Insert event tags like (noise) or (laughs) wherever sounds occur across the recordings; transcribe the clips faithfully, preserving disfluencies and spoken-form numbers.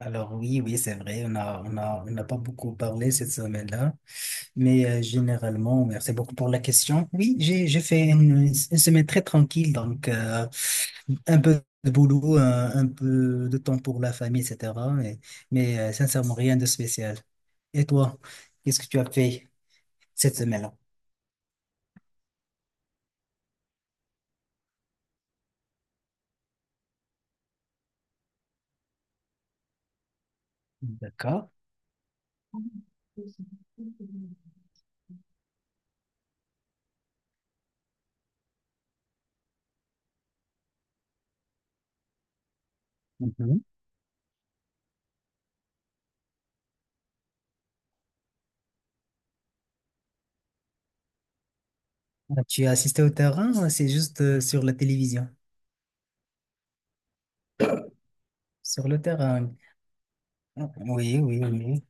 Alors oui, oui, c'est vrai, on a, on a, on n'a pas beaucoup parlé cette semaine-là, mais euh, généralement, merci beaucoup pour la question. Oui, j'ai, j'ai fait une, une semaine très tranquille, donc euh, un peu de boulot, un, un peu de temps pour la famille, et cetera. Mais, mais euh, sincèrement, rien de spécial. Et toi, qu'est-ce que tu as fait cette semaine-là? D'accord. Mhm. Ah, tu as assisté au terrain ou c'est juste euh, sur la télévision? Sur le terrain. Ah, oui, oui, oui.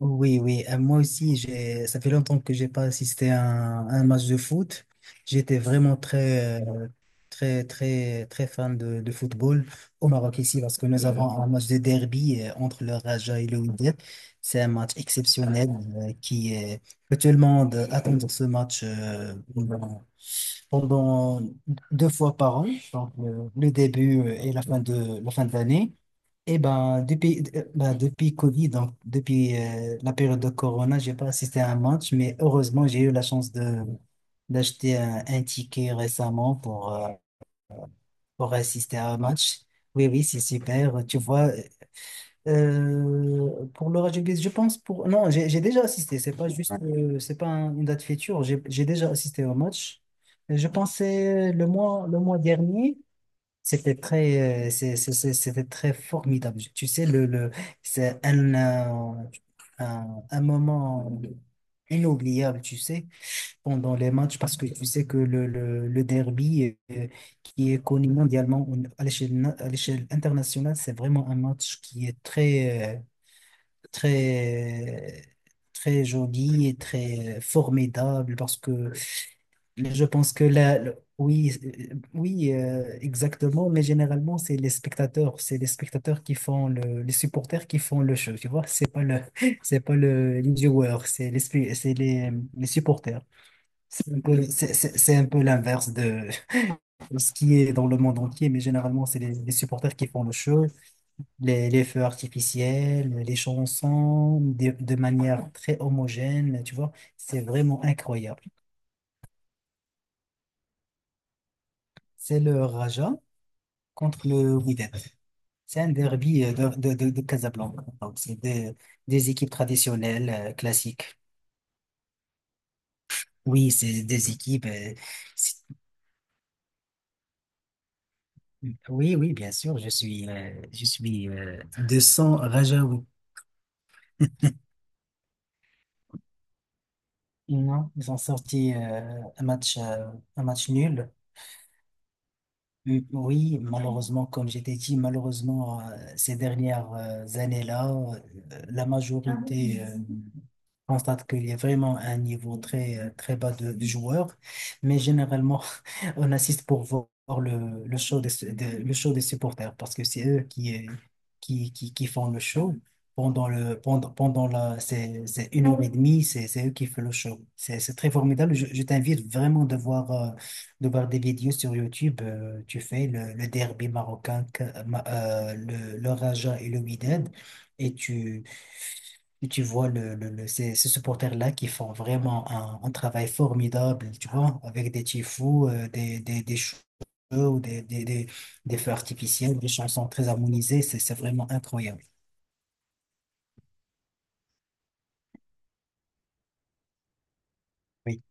Oui, oui, euh, moi aussi, j'ai, ça fait longtemps que j'ai pas assisté à un, à un match de foot. J'étais vraiment très, euh, très, très, très fan de, de football au Maroc ici parce que nous avons un match de derby euh, entre le Raja et le Wydad. C'est un match exceptionnel euh, qui est, que tout le monde attend ce match euh, pendant pendant deux fois par an, donc le, le début et la fin de, la fin de l'année. Eh ben, depuis, euh, ben, depuis Covid, donc depuis euh, la période de Corona, j'ai pas assisté à un match, mais heureusement, j'ai eu la chance de d'acheter un, un ticket récemment pour, euh, pour assister à un match. Oui, oui, c'est super. Tu vois, euh, pour le rugby, je pense pour... Non, j'ai j'ai déjà assisté. C'est pas juste, euh, c'est pas un- une date future. J'ai j'ai déjà assisté au match. Je pensais le mois, le mois dernier. C'était très, euh, c'est- c'est- c'est- c'était très formidable. Tu sais, le, le, c'est un, euh, un, un moment inoubliable, tu sais, pendant les matchs, parce que tu sais que le, le, le derby, euh, qui est connu mondialement au- à l'échelle, na- à l'échelle internationale, c'est vraiment un match qui est très, euh, très, très joli et très formidable, parce que je pense que là, le- oui, euh, oui, euh, exactement, mais généralement, c'est les spectateurs, c'est les spectateurs qui font le, les supporters qui font le show, tu vois, c'est pas le, (laughs) c'est pas le, les joueurs, c'est les, spe- c'est les, les supporters. C'est un peu, c'est, c'est- c'est un peu l'inverse de de ce qui est dans le monde entier, mais généralement, c'est les, les supporters qui font le show, les, les feux artificiels, les chansons, de, de manière très homogène, tu vois, c'est vraiment incroyable. C'est le Raja contre le Wydad. C'est un derby euh, de, de, de, de Casablanca. Donc, c'est des, des équipes traditionnelles, euh, classiques. Oui, c'est des équipes. euh, c'est- oui, oui, bien sûr. Je suis, euh, je suis euh, de sang Rajaoui. Non, ils ont sorti euh, un match, euh, un match nul. Mm, oui, malheureusement, comme j'étais dit, malheureusement, euh, ces dernières euh, années-là, euh, la majorité je constate qu'il y a vraiment un niveau très, euh, très bas de, de joueurs, mais généralement, (laughs) on assiste pour vo- voir le, le show des, de- le show des supporters parce que c'est eux qui, euh, qui, qui, qui font le show. Pendant le, pendant, pendant la, c'est, c'est une heure et demie, c'est, c'est eux qui font le show. C'est, c'est très formidable. Je, je t'invite vraiment de voir, euh, de voir des vidéos sur YouTube. Euh, tu fais le, le derby marocain, que- ma- euh, le, le Raja et le Wydad, et tu, et tu vois le, le, le- ces, ces supporters-là qui font vraiment un, un travail formidable, tu vois, avec des tifos, euh, des, des, des shows, ou des, des, des, des feux artificiels, des chansons très harmonisées, c'est, c'est vraiment incroyable. Oui.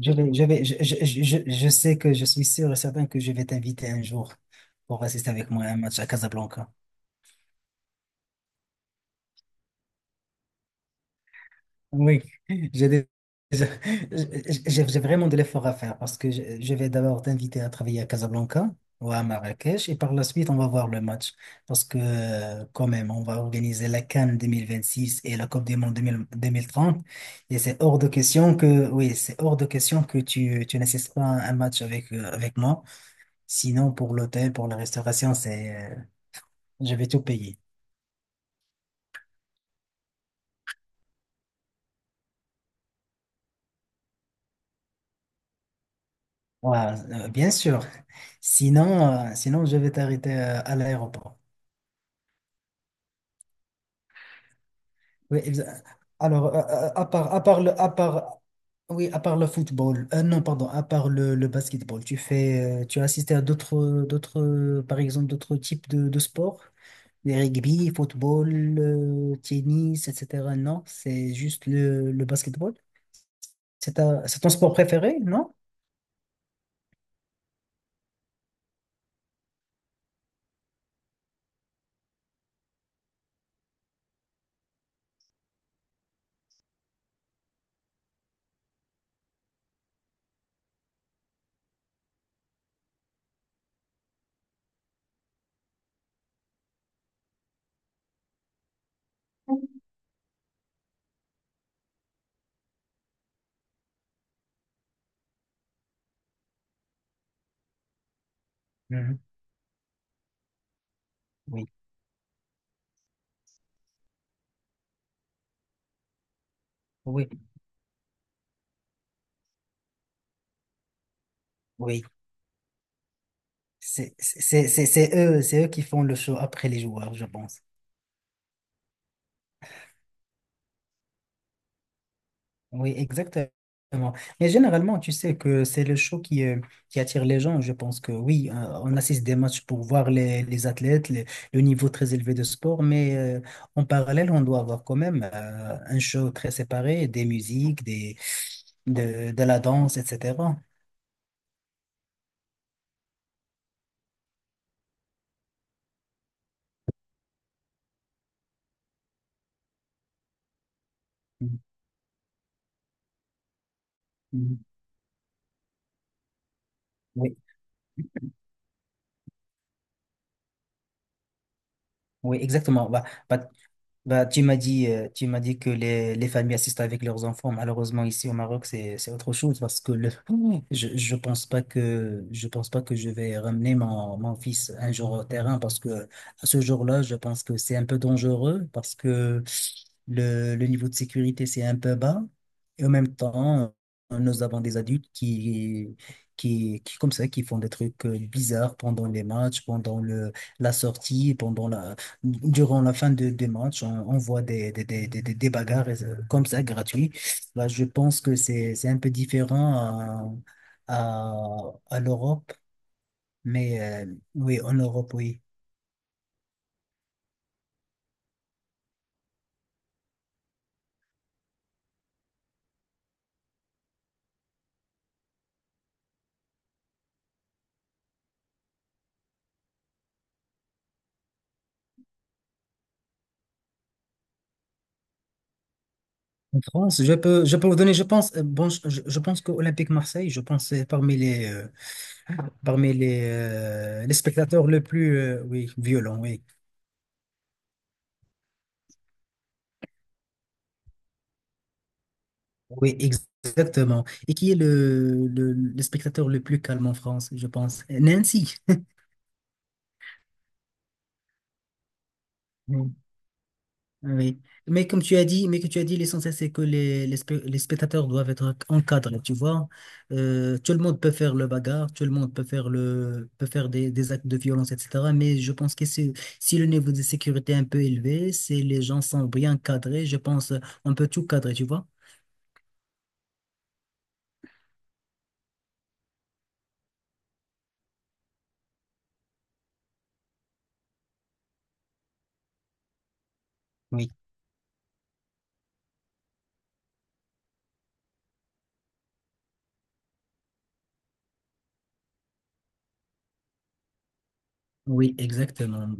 Je vais, je vais, je, je, je, je je sais que je suis sûr et certain que je vais t'inviter un jour pour assister avec moi à un match à Casablanca. Oui, j'ai des- j'ai j'ai- j'ai vraiment de l'effort à faire parce que je, je vais d'abord t'inviter à travailler à Casablanca ou à Marrakech et par la suite on va voir le match parce que euh, quand même on va organiser la CAN deux mille vingt-six et la Coupe du Monde deux mille deux mille trente et c'est hors de question que oui c'est hors de question que tu, tu n'assistes pas à un match avec, euh, avec moi sinon pour l'hôtel pour la restauration c'est euh, je vais tout payer. Ouais, euh, bien sûr. Sinon, euh, sinon je vais t'arrêter euh, à l'aéroport. Oui, exa- Alors, euh, euh, à part, à part le, à part, oui, à part le football, euh, non, pardon, à part le, le basketball, tu fais, euh, tu as assisté à d'autres, d'autres, euh, par exemple, d'autres types de, de sports, des rugby, football, euh, tennis, et cetera. Non, c'est juste le, le basketball. C'est ta- c'est ton sport préféré, non? Mhm. Oui, oui, oui. C'est c'est- c'est- c'est eux, c'est eux qui font le show après les joueurs, je pense. Oui, exactement. Mais généralement, tu sais que c'est le show qui, euh, qui attire les gens. Je pense que oui, euh, on assiste des matchs pour voir les, les athlètes, les- le niveau très élevé de sport, mais euh, en parallèle, on doit avoir quand même euh, un show très séparé, des musiques, des, de, de la danse, et cetera. Mhm. Oui, oui, exactement. Bah, bah, Bah, tu m'as dit, euh, tu m'as dit que les, les familles assistent avec leurs enfants. Malheureusement, ici au Maroc, c'est, c'est autre chose parce que le, (laughs) je, je pense pas que, je pense pas que je vais ramener mon, mon fils un jour au terrain parce que à ce jour-là, je pense que c'est un peu dangereux parce que le, le niveau de sécurité, c'est un peu bas. Et en même temps, nous avons des adultes qui, qui, qui, comme ça, qui font des trucs euh, bizarres pendant les matchs, pendant le, la sortie, pendant la, durant la fin de, des matchs, on, on voit des, des, des, des, des- des bagarres euh, comme ça, gratuits. Là, je pense que c'est, c'est un peu différent à, à, à l'Europe, mais euh, oui, en Europe, oui. En France, je peux, je peux vous donner, je pense, euh, bon, je, je- je pense que Olympique Marseille, je pense, c'est parmi les, euh, parmi les, euh, les spectateurs le plus, euh, oui, violents, oui. Oui, ex- exactement. Et qui est le, le, le spectateur le plus calme en France, je pense? Nancy. Oui. Mais comme tu as dit, mais que tu as dit, l'essentiel, c'est que les, les, spe- les spectateurs doivent être encadrés, tu vois. Euh, tout le monde peut faire le bagarre, tout le monde peut faire le, peut faire des, des actes de violence, et cetera. Mais je pense que si, si le niveau de sécurité est un peu élevé, si les gens sont bien cadrés, je pense euh, on peut tout cadrer, tu vois. Oui. Oui, exactement.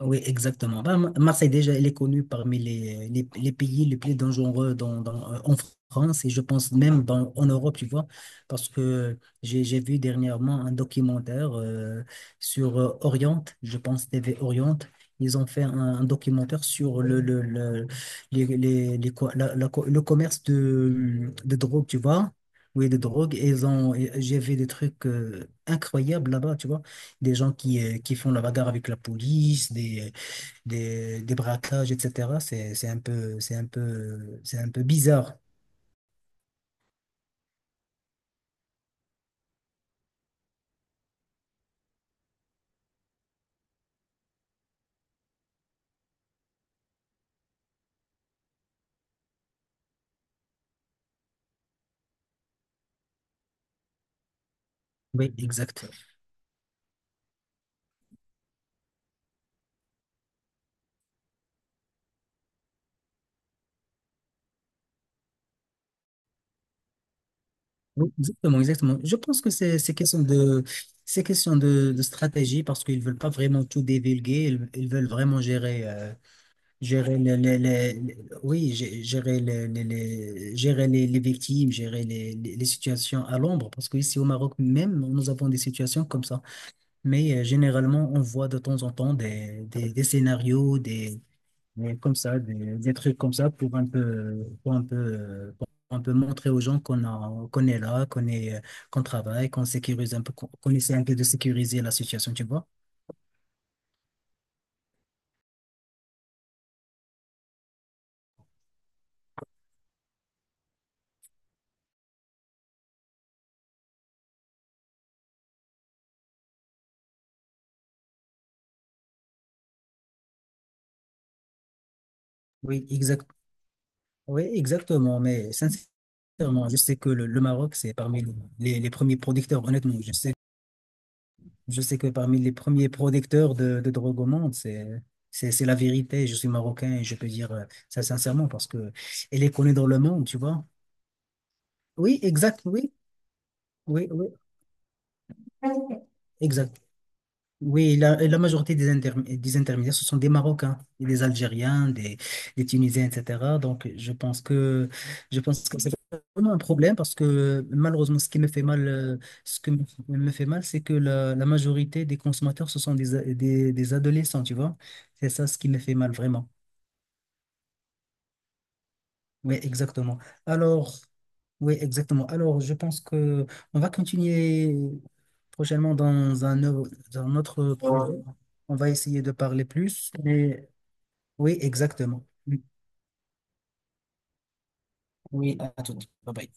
Oui, exactement. Ben, Mar- Marseille, déjà, elle est connue parmi les, les, les pays les plus dangereux dans, dans, euh, en France et je pense même dans, en Europe, tu vois, parce que j'ai, j'ai vu dernièrement un documentaire euh, sur euh, Orient, je pense T V Orient. Ils ont fait un, un documentaire sur le, le, le, les, les, les co- la- la co- le commerce de, de drogue, tu vois. Oui, de drogue. Et Ils ont, et j'ai vu des trucs euh, incroyables là-bas, tu vois des gens qui, euh, qui font la bagarre avec la police, des, des, des braquages, et cetera. C'est, c'est un peu, c'est un peu, c'est un peu bizarre. Oui, exact. Oui, exactement, exactement. Je pense que c'est, c'est question de, c'est question de, de stratégie parce qu'ils veulent pas vraiment tout divulguer. Ils, ils veulent vraiment gérer, euh, gérer les, les- les- les- oui, gé- gérer les, les- les- gérer les, les victimes, gérer les, les, les situations à l'ombre. Parce que ici au Maroc même, nous avons des situations comme ça. Mais euh, généralement, on voit de temps en temps des, des, des scénarios, des, des- comme ça, des, des trucs comme ça pour un peu, pour un peu, euh, pour un peu montrer aux gens qu'on a- qu'on est là, qu'on est, euh, qu'on travaille, qu'on sécurise un peu, qu'on qu'on essaie un peu de sécuriser la situation, tu vois. Oui, exactement. Oui, exactement. Mais sincèrement, je sais que le, le Maroc, c'est parmi les, les- les premiers producteurs. Honnêtement, je sais, je sais que parmi les premiers producteurs de, de drogue au monde, c'est, c'est, c'est la vérité. Je suis marocain et je peux dire euh, ça sincèrement parce que elle est connue dans le monde, tu vois. Oui, exact. Oui, oui, oui, exact. Oui, la, la majorité des, interm- des intermédiaires, ce sont des Marocains, et des Algériens, des, des Tunisiens, et cetera. Donc, je pense que, je pense que c'est vraiment un problème parce que malheureusement, ce qui me fait mal, euh, ce qui me me fait mal, c'est que la, la majorité des consommateurs, ce sont des, a- des, des adolescents, tu vois. C'est ça ce qui me fait mal vraiment. Oui, exactement. Alors, oui, exactement. Alors, je pense que on va continuer prochainement dans un, au- dans un autre projet. On va essayer de parler plus. Mais oui, exactement. Oui, à tout. Bye bye.